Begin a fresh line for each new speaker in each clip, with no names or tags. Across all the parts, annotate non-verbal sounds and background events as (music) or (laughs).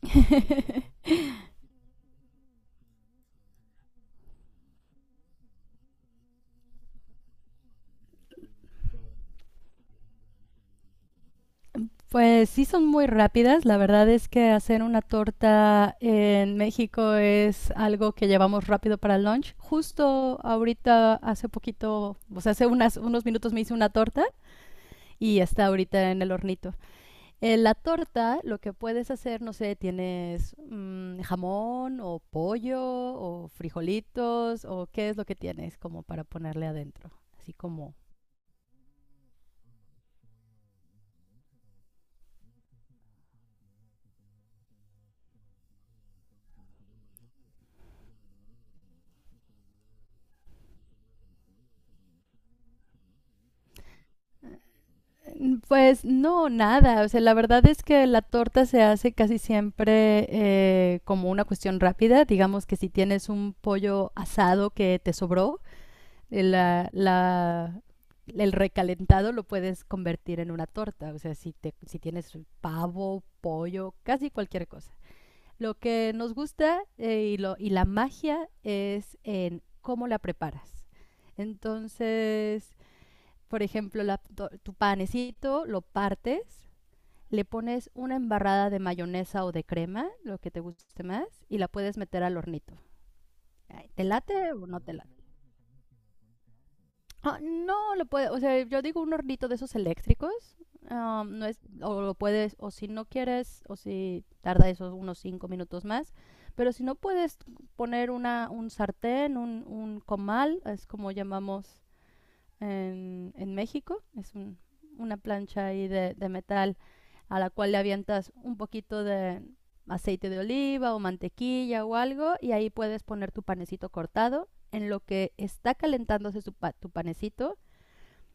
(laughs) Pues sí son muy rápidas, la verdad es que hacer una torta en México es algo que llevamos rápido para el lunch. Justo ahorita, hace poquito, o sea, hace unos minutos me hice una torta y está ahorita en el hornito. La torta, lo que puedes hacer, no sé, tienes jamón o pollo o frijolitos o qué es lo que tienes como para ponerle adentro, así como. Mm, pues no, nada. O sea, la verdad es que la torta se hace casi siempre como una cuestión rápida. Digamos que si tienes un pollo asado que te sobró, eh, la, la- el recalentado lo puedes convertir en una torta. O sea, si tienes pavo, pollo, casi cualquier cosa. Lo que nos gusta y la magia es en cómo la preparas. Entonces, por ejemplo, tu panecito lo partes, le pones una embarrada de mayonesa o de crema, lo que te guste más, y la puedes meter al hornito. Ay, ¿te late o no te late? Ah, no, lo puedes, o sea, yo digo un hornito de esos eléctricos. Ah, no es, o lo puedes, o si no quieres, o si tarda esos unos 5 minutos más, pero si no puedes poner un sartén, un comal, es como llamamos en México. Una plancha ahí de metal a la cual le avientas un poquito de aceite de oliva o mantequilla o algo y ahí puedes poner tu panecito cortado. En lo que está calentándose tu panecito,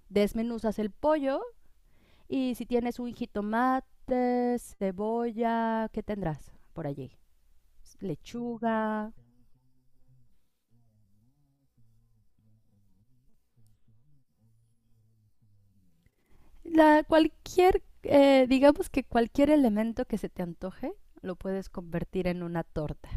desmenuzas el pollo y si tienes un jitomate, cebolla, ¿qué tendrás por allí? Lechuga, la cualquier, digamos que cualquier elemento que se te antoje, lo puedes convertir en una torta.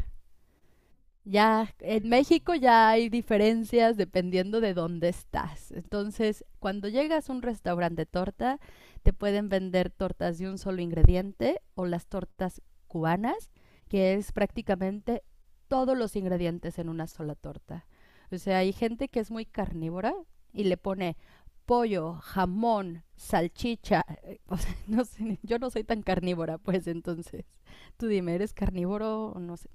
Ya, en México ya hay diferencias dependiendo de dónde estás. Entonces, cuando llegas a un restaurante de torta, te pueden vender tortas de un solo ingrediente o las tortas cubanas, que es prácticamente todos los ingredientes en una sola torta. O sea, hay gente que es muy carnívora y le pone pollo, jamón, salchicha. (laughs) O sea, no sé, yo no soy tan carnívora, pues entonces, tú dime, ¿eres carnívoro o no sé?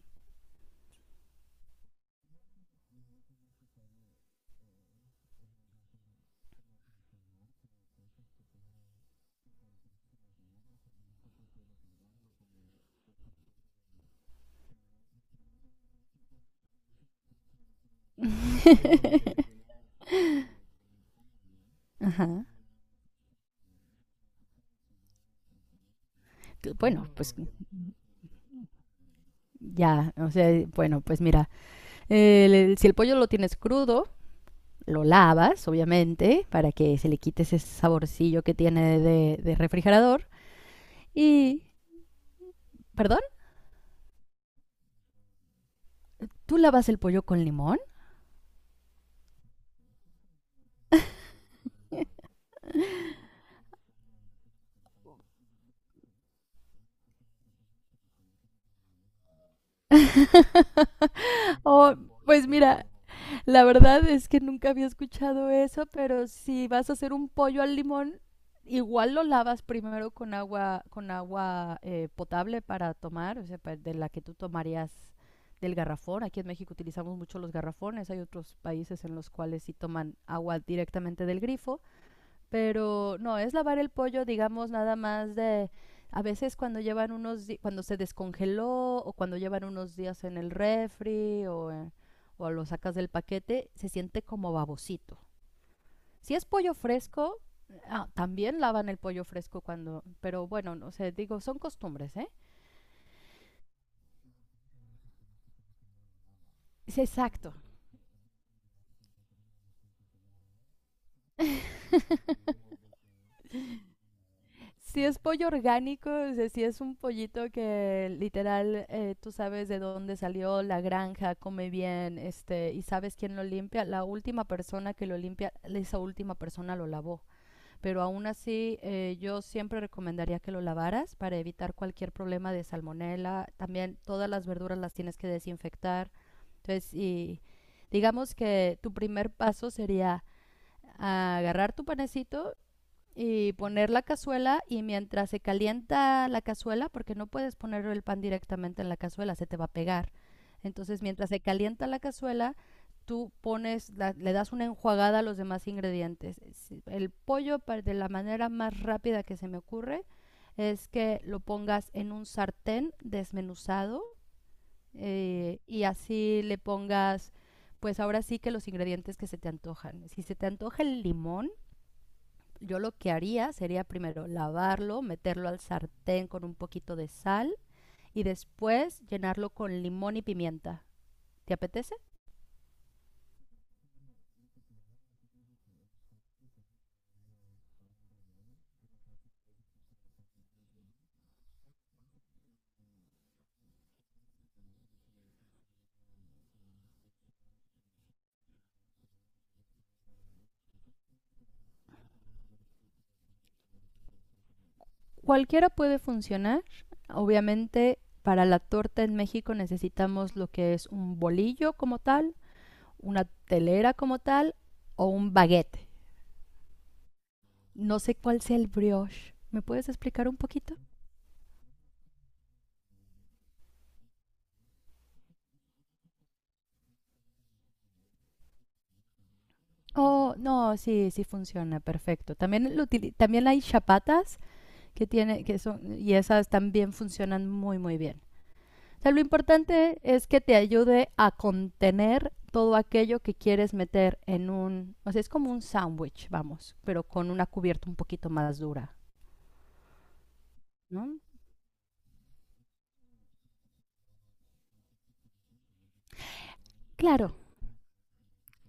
Ajá. Que, bueno, pues ya, o sea, bueno, pues mira, si el pollo lo tienes crudo, lo lavas, obviamente, para que se le quite ese saborcillo que tiene de refrigerador. Y, perdón, ¿tú lavas el pollo con limón? Oh, pues mira, la verdad es que nunca había escuchado eso, pero si vas a hacer un pollo al limón, igual lo lavas primero con agua potable para tomar, o sea, de la que tú tomarías del garrafón. Aquí en México utilizamos mucho los garrafones, hay otros países en los cuales sí toman agua directamente del grifo, pero no, es lavar el pollo, digamos, nada más de a veces cuando llevan cuando se descongeló o cuando llevan unos días en el refri o lo sacas del paquete, se siente como babosito. Si es pollo fresco, ah, también lavan el pollo fresco cuando, pero bueno, no sé, digo, son costumbres, ¿eh? Sí, exacto. Si es pollo orgánico, o sea, si es un pollito que literal tú sabes de dónde salió la granja, come bien, este, y sabes quién lo limpia, la última persona que lo limpia, esa última persona lo lavó. Pero aún así, yo siempre recomendaría que lo lavaras para evitar cualquier problema de salmonela. También todas las verduras las tienes que desinfectar. Entonces, y digamos que tu primer paso sería agarrar tu panecito y poner la cazuela y mientras se calienta la cazuela, porque no puedes poner el pan directamente en la cazuela, se te va a pegar. Entonces, mientras se calienta la cazuela, le das una enjuagada a los demás ingredientes. El pollo, de la manera más rápida que se me ocurre, es que lo pongas en un sartén desmenuzado y así le pongas, pues ahora sí que los ingredientes que se te antojan. Si se te antoja el limón, yo lo que haría sería primero lavarlo, meterlo al sartén con un poquito de sal y después llenarlo con limón y pimienta. ¿Te apetece? Cualquiera puede funcionar. Obviamente, para la torta en México necesitamos lo que es un bolillo como tal, una telera como tal o un baguete. No sé cuál sea el brioche. ¿Me puedes explicar un poquito? Oh, no, sí, sí funciona, perfecto. También, también hay chapatas que tiene, que son, y esas también funcionan muy, muy bien. O sea, lo importante es que te ayude a contener todo aquello que quieres meter en un, o sea, es como un sándwich, vamos, pero con una cubierta un poquito más dura, ¿no? Claro,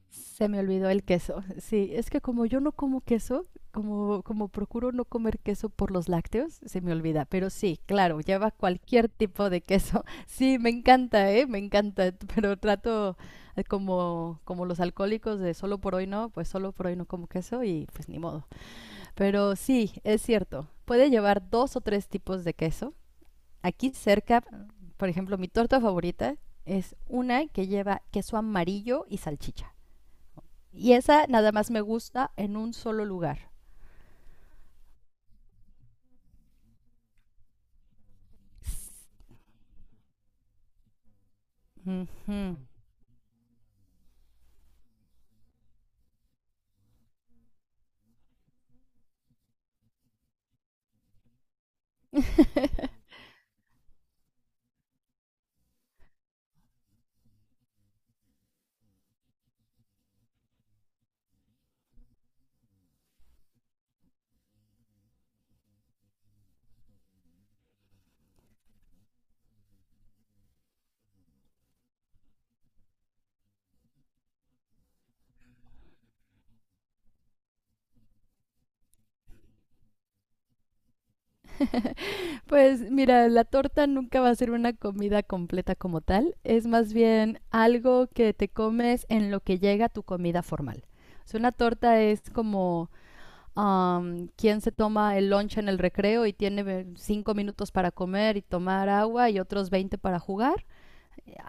se me olvidó el queso. Sí, es que como yo no como queso, como procuro no comer queso por los lácteos, se me olvida. Pero sí, claro, lleva cualquier tipo de queso. (laughs) Sí, me encanta, ¿eh? Me encanta. Pero trato como los alcohólicos de solo por hoy no, pues solo por hoy no como queso y pues ni modo. Pero sí, es cierto. Puede llevar dos o tres tipos de queso. Aquí cerca, por ejemplo, mi torta favorita es una que lleva queso amarillo y salchicha. Y esa nada más me gusta en un solo lugar. Ujú. (laughs) Pues mira, la torta nunca va a ser una comida completa como tal, es más bien algo que te comes en lo que llega tu comida formal. O sea, una torta es como am, quien se toma el lunch en el recreo y tiene 5 minutos para comer y tomar agua y otros 20 para jugar.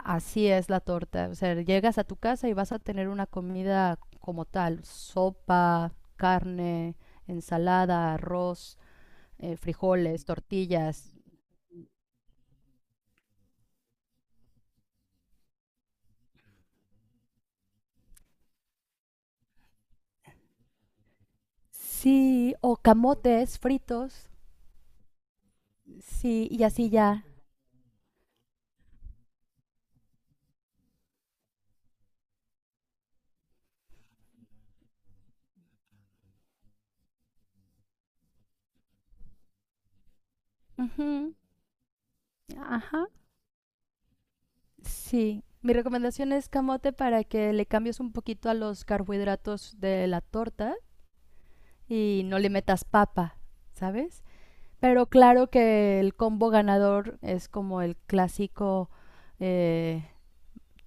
Así es la torta. O sea, llegas a tu casa y vas a tener una comida como tal, sopa, carne, ensalada, arroz, frijoles, tortillas. Sí, o camotes fritos. Sí, y así ya. Ujú, ajá. Sí. Mi recomendación es camote para que le cambies un poquito a los carbohidratos de la torta y no le metas papa, ¿sabes? Pero claro que el combo ganador es como el clásico eh,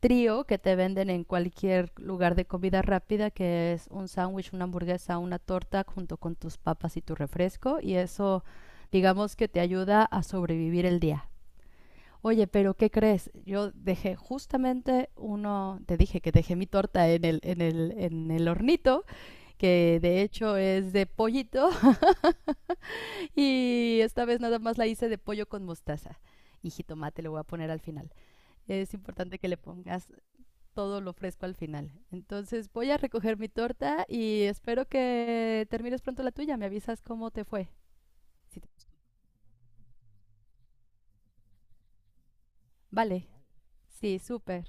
trío que te venden en cualquier lugar de comida rápida, que es un sándwich, una hamburguesa, una torta junto con tus papas y tu refresco. Y eso, digamos que te ayuda a sobrevivir el día. Oye, pero ¿qué crees? Yo dejé justamente uno, te dije que dejé mi torta en el hornito, que de hecho es de pollito y esta vez nada más la hice de pollo con mostaza y jitomate le voy a poner al final. Es importante que le pongas todo lo fresco al final. Entonces voy a recoger mi torta y espero que termines pronto la tuya. Me avisas cómo te fue. Si te- Vale, sí, súper.